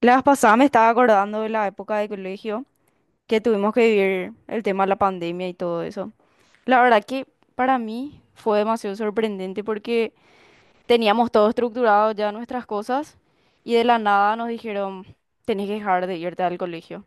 La vez pasada me estaba acordando de la época de colegio que tuvimos que vivir el tema de la pandemia y todo eso. La verdad que para mí fue demasiado sorprendente porque teníamos todo estructurado ya nuestras cosas y de la nada nos dijeron, tenés que dejar de irte al colegio.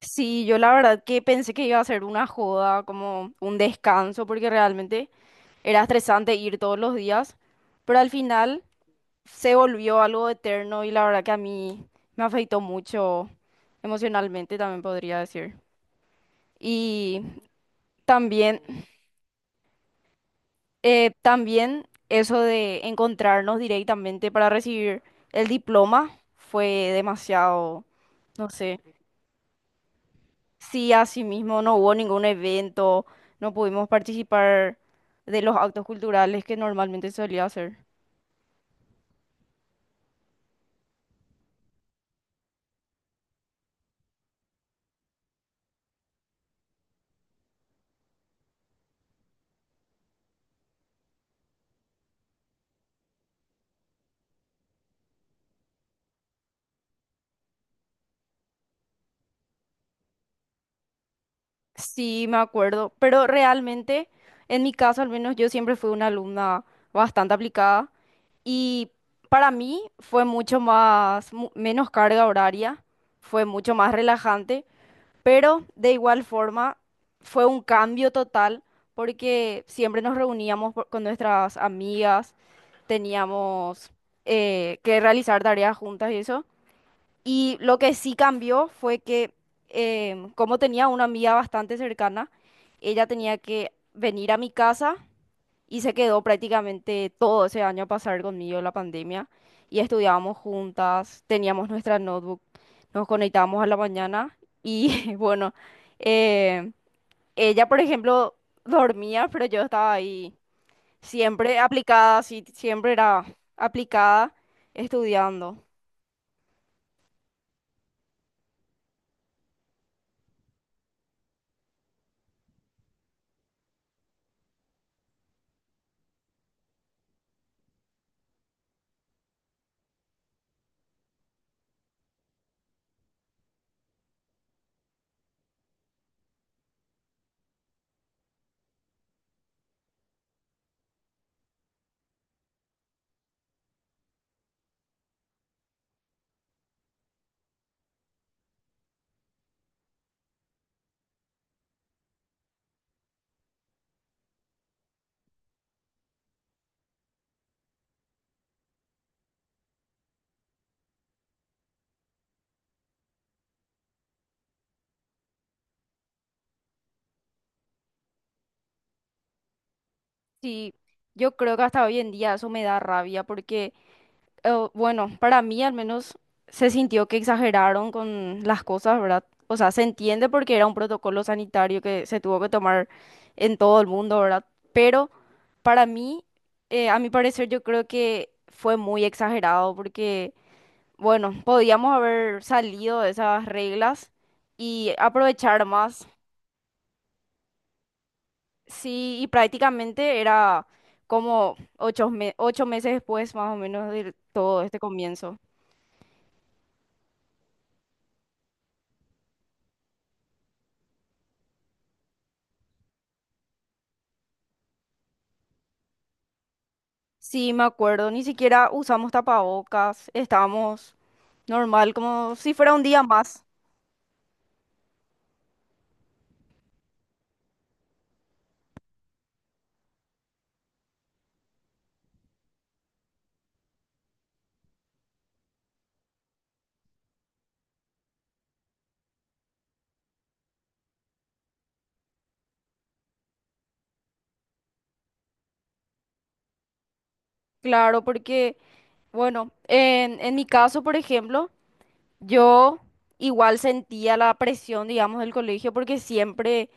Sí, yo la verdad que pensé que iba a ser una joda, como un descanso, porque realmente era estresante ir todos los días, pero al final se volvió algo eterno y la verdad que a mí me afectó mucho emocionalmente, también podría decir. Y también, eh, también eso de encontrarnos directamente para recibir el diploma fue demasiado, no sé, sí, así mismo no hubo ningún evento, no pudimos participar de los actos culturales que normalmente solía hacer. Sí, me acuerdo, pero realmente, en mi caso al menos, yo siempre fui una alumna bastante aplicada y para mí fue mucho más, menos carga horaria, fue mucho más relajante, pero de igual forma fue un cambio total porque siempre nos reuníamos con nuestras amigas, teníamos que realizar tareas juntas y eso, y lo que sí cambió fue que, como tenía una amiga bastante cercana, ella tenía que venir a mi casa y se quedó prácticamente todo ese año a pasar conmigo la pandemia. Y estudiábamos juntas, teníamos nuestra notebook, nos conectábamos a la mañana y bueno, em, ella, por ejemplo, dormía, pero yo estaba ahí siempre aplicada, sí, siempre era aplicada estudiando. Sí, yo creo que hasta hoy en día eso me da rabia porque, bueno, para mí al menos se sintió que exageraron con las cosas, ¿verdad? O sea, se entiende porque era un protocolo sanitario que se tuvo que tomar en todo el mundo, ¿verdad? Pero para mí, a mi parecer, yo creo que fue muy exagerado porque, bueno, podíamos haber salido de esas reglas y aprovechar más. Sí, y prácticamente era como ocho meses después más o menos de todo este comienzo. Sí, me acuerdo, ni siquiera usamos tapabocas, estábamos normal, como si fuera un día más. Claro, porque, bueno, en mi caso, por ejemplo, yo igual sentía la presión, digamos, del colegio porque siempre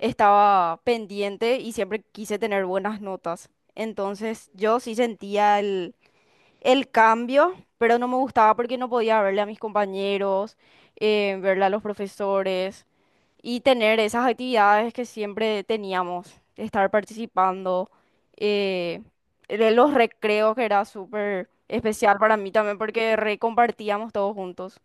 estaba pendiente y siempre quise tener buenas notas. Entonces, yo sí sentía el cambio, pero no me gustaba porque no podía verle a mis compañeros, verle a los profesores y tener esas actividades que siempre teníamos, estar participando, eh, de los recreos que era súper especial para mí también porque recompartíamos todos juntos.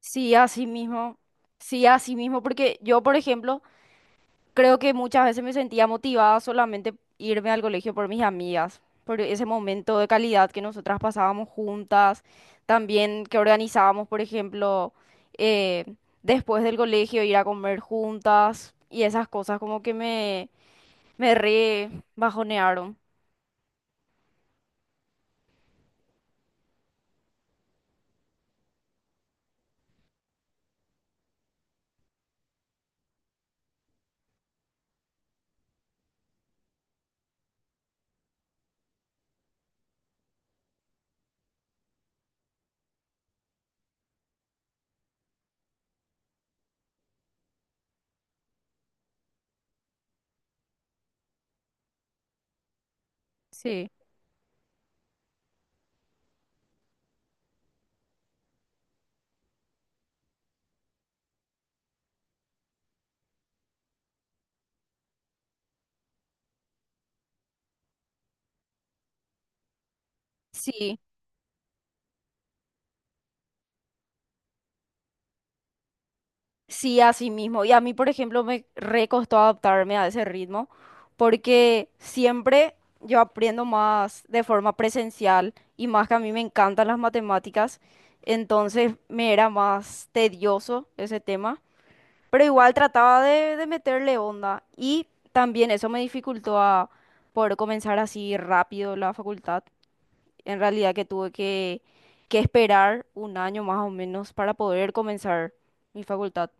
Sí, así mismo, sí, así mismo, porque yo, por ejemplo, creo que muchas veces me sentía motivada solamente irme al colegio por mis amigas, por ese momento de calidad que nosotras pasábamos juntas, también que organizábamos, por ejemplo, eh, después del colegio ir a comer juntas y esas cosas como que me re bajonearon. Sí. Sí. Sí, así mismo. Y a mí, por ejemplo, me re costó adaptarme a ese ritmo porque siempre yo aprendo más de forma presencial y más que a mí me encantan las matemáticas, entonces me era más tedioso ese tema, pero igual trataba de meterle onda y también eso me dificultó a poder comenzar así rápido la facultad. En realidad que tuve que, esperar un año más o menos para poder comenzar mi facultad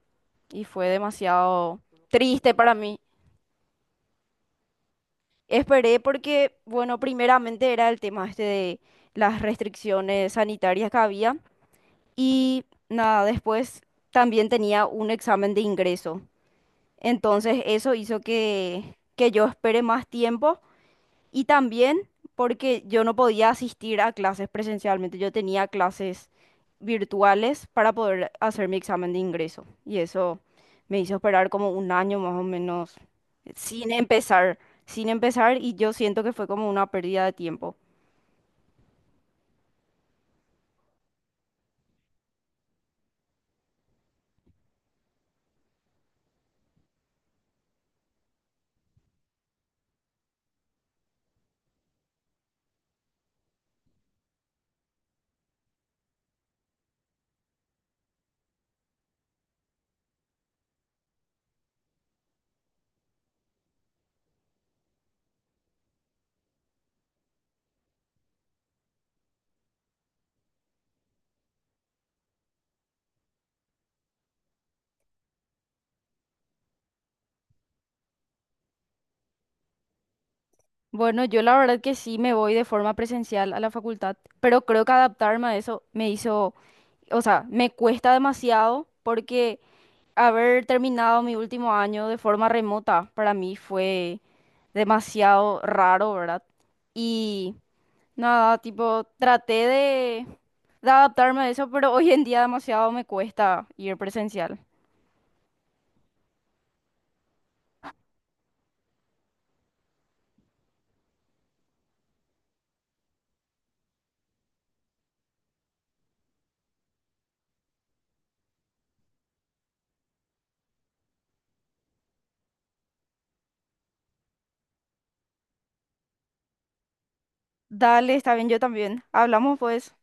y fue demasiado triste para mí. Esperé porque, bueno, primeramente era el tema este de las restricciones sanitarias que había y nada, después también tenía un examen de ingreso. Entonces eso hizo que yo espere más tiempo. Y también porque yo no podía asistir a clases presencialmente, yo tenía clases virtuales para poder hacer mi examen de ingreso. Y eso me hizo esperar como un año más o menos sin empezar, sin empezar y yo siento que fue como una pérdida de tiempo. Bueno, yo la verdad que sí me voy de forma presencial a la facultad, pero creo que adaptarme a eso me hizo, o sea, me cuesta demasiado porque haber terminado mi último año de forma remota para mí fue demasiado raro, ¿verdad? Y nada, tipo, traté de adaptarme a eso, pero hoy en día demasiado me cuesta ir presencial. Dale, está bien, yo también. Hablamos pues.